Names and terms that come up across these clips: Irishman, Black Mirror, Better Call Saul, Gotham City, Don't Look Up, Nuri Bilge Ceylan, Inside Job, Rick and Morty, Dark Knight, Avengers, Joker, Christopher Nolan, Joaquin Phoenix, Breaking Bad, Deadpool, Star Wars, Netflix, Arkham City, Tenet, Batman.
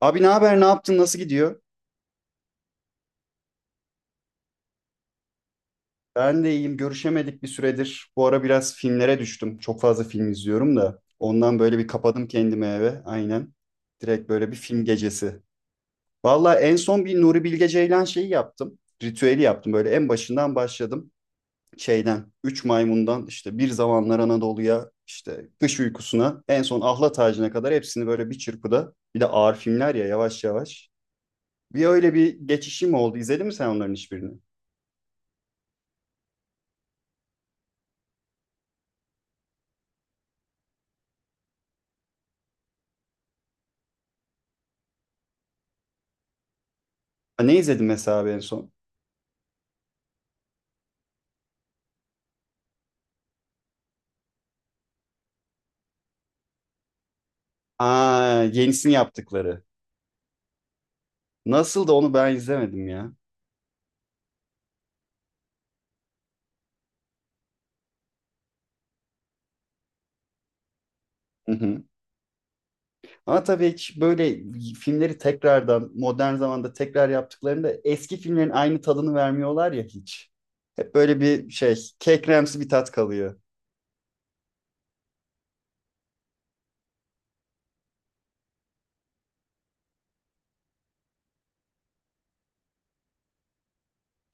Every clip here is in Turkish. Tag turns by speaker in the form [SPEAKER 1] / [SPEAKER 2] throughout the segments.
[SPEAKER 1] Abi ne haber, ne yaptın, nasıl gidiyor? Ben de iyiyim, görüşemedik bir süredir. Bu ara biraz filmlere düştüm. Çok fazla film izliyorum da. Ondan böyle bir kapadım kendimi eve, aynen. Direkt böyle bir film gecesi. Valla en son bir Nuri Bilge Ceylan şeyi yaptım. Ritüeli yaptım, böyle en başından başladım. Şeyden, Üç Maymun'dan işte Bir Zamanlar Anadolu'ya, işte Kış Uykusu'na, en son Ahlat Ağacı'na kadar hepsini böyle bir çırpıda. Bir de ağır filmler ya yavaş yavaş. Bir öyle bir geçişim oldu. İzledin mi sen onların hiçbirini? Ne izledim mesela abi en son? Aa, yenisini yaptıkları. Nasıl da onu ben izlemedim ya. Hı hı. Ama tabii hiç böyle filmleri tekrardan modern zamanda tekrar yaptıklarında eski filmlerin aynı tadını vermiyorlar ya hiç. Hep böyle bir şey kekremsi bir tat kalıyor.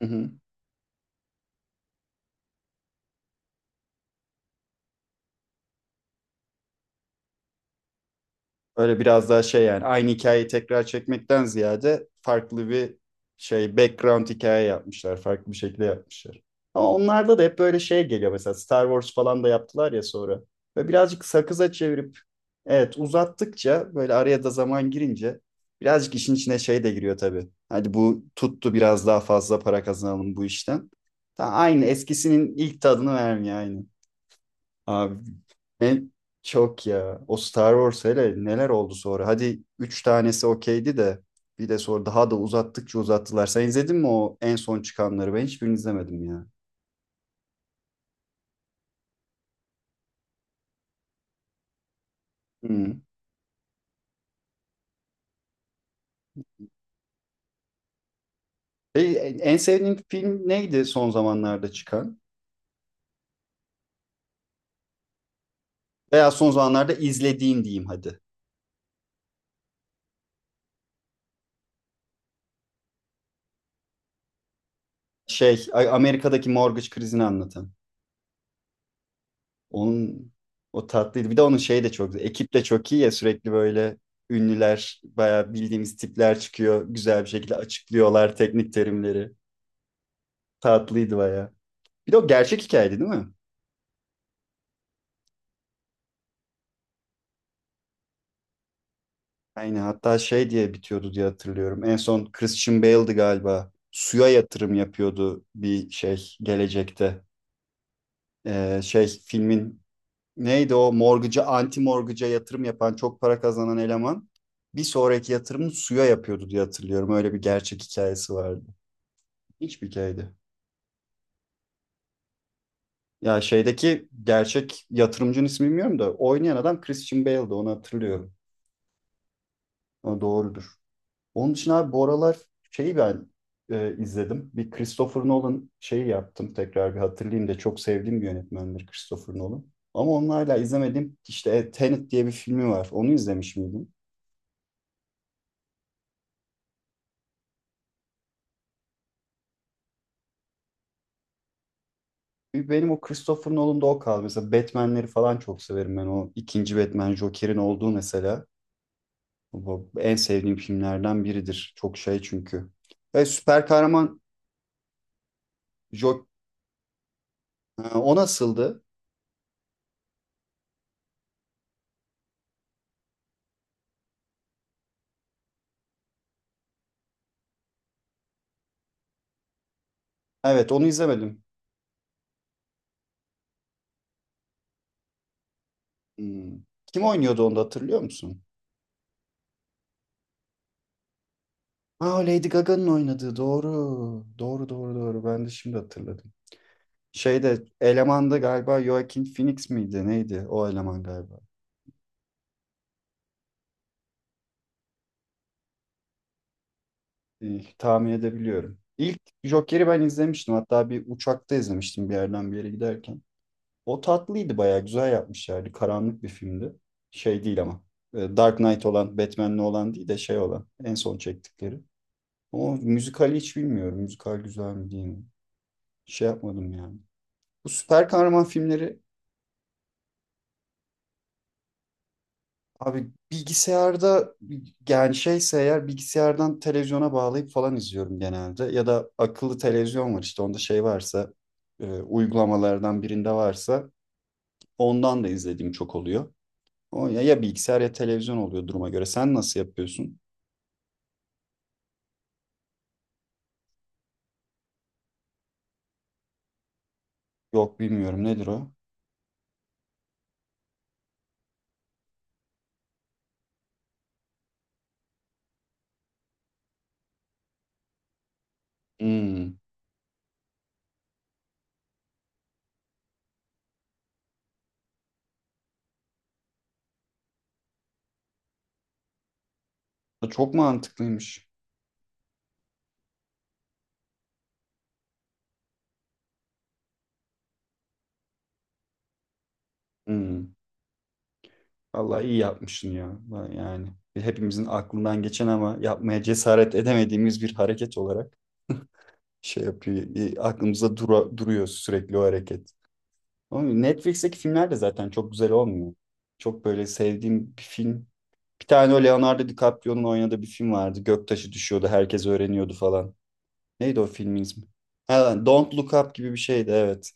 [SPEAKER 1] Hı hı. Öyle biraz daha şey yani aynı hikayeyi tekrar çekmekten ziyade farklı bir şey background hikaye yapmışlar. Farklı bir şekilde yapmışlar. Ama onlarda da hep böyle şey geliyor mesela Star Wars falan da yaptılar ya sonra. Ve birazcık sakıza çevirip evet uzattıkça böyle araya da zaman girince birazcık işin içine şey de giriyor tabii. Hadi bu tuttu biraz daha fazla para kazanalım bu işten. Ta aynı eskisinin ilk tadını vermiyor aynı. Abi en çok ya. O Star Wars hele neler oldu sonra. Hadi üç tanesi okeydi de bir de sonra daha da uzattıkça uzattılar. Sen izledin mi o en son çıkanları? Ben hiçbirini izlemedim ya. Hı. E, en sevdiğin film neydi son zamanlarda çıkan? Veya son zamanlarda izlediğin diyeyim hadi. Şey Amerika'daki mortgage krizini anlatan. Onun o tatlıydı. Bir de onun şeyi de çok güzel. Ekip de çok iyi ya sürekli böyle ünlüler, bayağı bildiğimiz tipler çıkıyor. Güzel bir şekilde açıklıyorlar teknik terimleri. Tatlıydı bayağı. Bir de o gerçek hikayeydi değil mi? Aynen hatta şey diye bitiyordu diye hatırlıyorum. En son Christian Bale'di galiba. Suya yatırım yapıyordu bir şey gelecekte. Şey filmin neydi o morgıca, anti morgıca yatırım yapan, çok para kazanan eleman bir sonraki yatırımını suya yapıyordu diye hatırlıyorum. Öyle bir gerçek hikayesi vardı. Hiçbir hikayeydi. Ya şeydeki gerçek yatırımcının ismi bilmiyorum da oynayan adam Christian Bale'dı onu hatırlıyorum. O doğrudur. Onun için abi bu aralar şeyi ben izledim. Bir Christopher Nolan şeyi yaptım tekrar bir hatırlayayım da çok sevdiğim bir yönetmendir Christopher Nolan. Ama onlarla hala izlemediğim işte Tenet diye bir filmi var. Onu izlemiş miydim? Benim o Christopher Nolan'da o kaldı. Mesela Batman'leri falan çok severim ben. O ikinci Batman Joker'in olduğu mesela. Bu en sevdiğim filmlerden biridir. Çok şey çünkü. E, süper kahraman Joker. O nasıldı? Evet onu izlemedim. Hmm. Kim oynuyordu onu da hatırlıyor musun? Aa Lady Gaga'nın oynadığı doğru. Doğru doğru doğru. Ben de şimdi hatırladım. Şeyde elemanda galiba Joaquin Phoenix miydi? Neydi o eleman galiba? Tahmin edebiliyorum. İlk Joker'i ben izlemiştim. Hatta bir uçakta izlemiştim bir yerden bir yere giderken. O tatlıydı bayağı güzel yapmışlardı. Karanlık bir filmdi. Şey değil ama. Dark Knight olan, Batman'li olan değil de şey olan. En son çektikleri. O müzikali hiç bilmiyorum. Müzikal güzel mi değil mi? Şey yapmadım yani. Bu süper kahraman filmleri abi bilgisayarda yani şeyse eğer bilgisayardan televizyona bağlayıp falan izliyorum genelde. Ya da akıllı televizyon var işte onda şey varsa uygulamalardan birinde varsa ondan da izlediğim çok oluyor. O ya, ya bilgisayar ya televizyon oluyor duruma göre. Sen nasıl yapıyorsun? Yok bilmiyorum nedir o? Hmm. Çok mantıklıymış. Hmm. Vallahi iyi yapmışsın ya. Yani hepimizin aklından geçen ama yapmaya cesaret edemediğimiz bir hareket olarak. Şey yapıyor. Aklımızda duruyor sürekli o hareket. Ama Netflix'teki filmler de zaten çok güzel olmuyor. Çok böyle sevdiğim bir film. Bir tane o Leonardo DiCaprio'nun oynadığı bir film vardı. Göktaşı düşüyordu, herkes öğreniyordu falan. Neydi o filmin ismi? Ha, Don't Look Up gibi bir şeydi evet.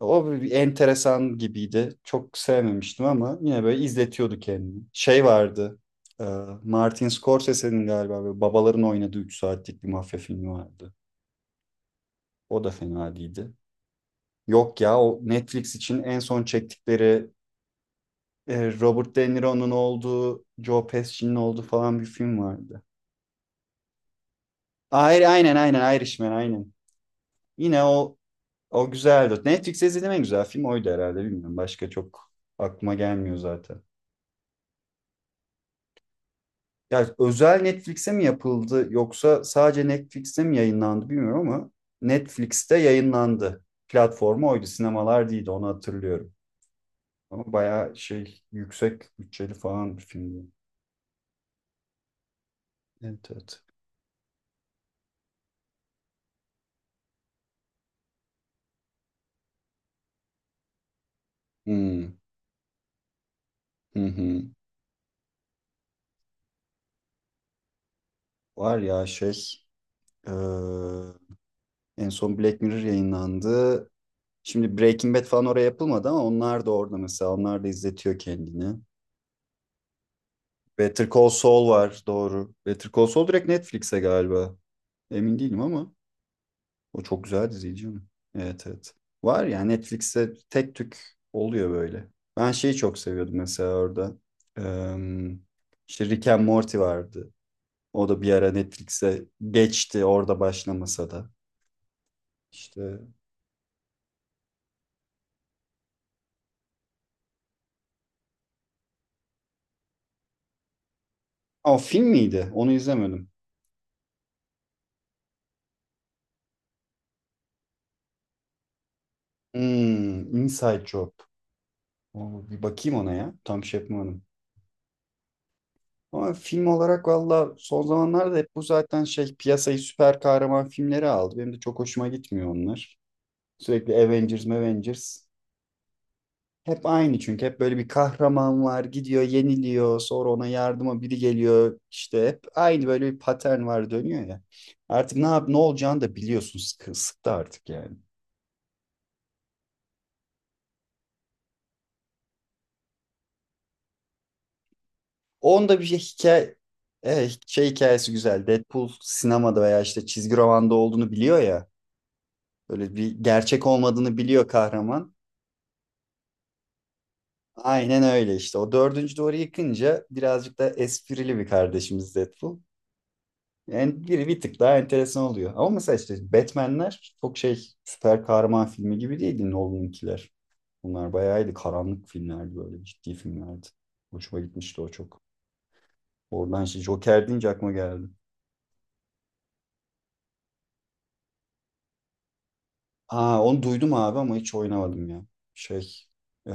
[SPEAKER 1] O bir enteresan gibiydi. Çok sevmemiştim ama yine böyle izletiyordu kendini. Şey vardı. e, Martin Scorsese'nin galiba böyle babaların oynadığı 3 saatlik bir mafya filmi vardı. O da fena değildi. Yok ya o Netflix için en son çektikleri Robert De Niro'nun olduğu, Joe Pesci'nin olduğu falan bir film vardı. Aynen aynen Irishman aynen. Yine o güzeldi. Netflix'te izlediğim en güzel film oydu herhalde bilmiyorum. Başka çok aklıma gelmiyor zaten. Ya özel Netflix'e mi yapıldı yoksa sadece Netflix'te mi yayınlandı bilmiyorum ama Netflix'te yayınlandı. Platformu oydu, sinemalar değildi onu hatırlıyorum. Ama bayağı şey yüksek bütçeli falan bir filmdi. Evet, evet. Hmm, hı hı. Var ya şey eee, en son Black Mirror yayınlandı. Şimdi Breaking Bad falan oraya yapılmadı ama onlar da orada mesela. Onlar da izletiyor kendini. Better Call Saul var doğru. Better Call Saul direkt Netflix'e galiba. Emin değilim ama o çok güzel diziydi canım. Evet evet. Var ya Netflix'te tek tük oluyor böyle. Ben şeyi çok seviyordum mesela orada. Eee işte Rick and Morty vardı. O da bir ara Netflix'e geçti orada başlamasa da. İşte o film miydi? Onu izlemedim. Hmm, Inside Job. Oo, bir bakayım ona ya. Tam şey yapmadım. Ama film olarak valla son zamanlarda hep bu zaten şey piyasayı süper kahraman filmleri aldı. Benim de çok hoşuma gitmiyor onlar. Sürekli Avengers, Avengers. Hep aynı çünkü hep böyle bir kahraman var gidiyor yeniliyor sonra ona yardıma biri geliyor işte hep aynı böyle bir patern var dönüyor ya. Artık ne yap ne olacağını da biliyorsun sıktı artık yani. Onda bir şey hikaye evet, şey hikayesi güzel Deadpool sinemada veya işte çizgi romanda olduğunu biliyor ya böyle bir gerçek olmadığını biliyor kahraman. Aynen öyle işte o dördüncü duvarı yıkınca birazcık da esprili bir kardeşimiz Deadpool. Yani biri bir tık daha enteresan oluyor. Ama mesela işte Batman'ler çok şey süper kahraman filmi gibi değildi Nolan'ınkiler. Bunlar bayağıydı karanlık filmlerdi böyle ciddi filmlerdi. Hoşuma gitmişti o çok. Oradan şey Joker deyince aklıma geldi. Aa onu duydum abi ama hiç oynamadım ya. Şey e,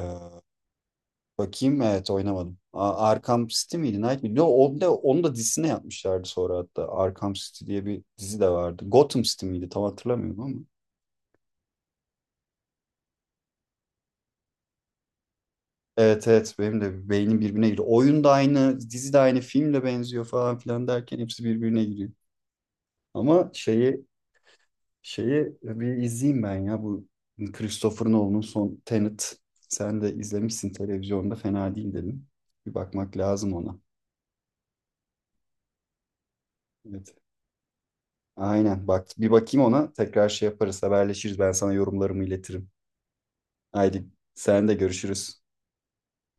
[SPEAKER 1] bakayım evet oynamadım. Arkham City miydi Night miydi? Yo, onu da dizisine yapmışlardı sonra hatta. Arkham City diye bir dizi de vardı. Gotham City miydi tam hatırlamıyorum ama. Evet evet benim de beynim birbirine giriyor. Oyun da aynı, dizi de aynı, film de benziyor falan filan derken hepsi birbirine giriyor. Ama şeyi bir izleyeyim ben ya bu Christopher Nolan'ın son Tenet. Sen de izlemişsin televizyonda fena değil dedim. Bir bakmak lazım ona. Evet. Aynen bak bir bakayım ona tekrar şey yaparız haberleşiriz ben sana yorumlarımı iletirim. Haydi sen de görüşürüz.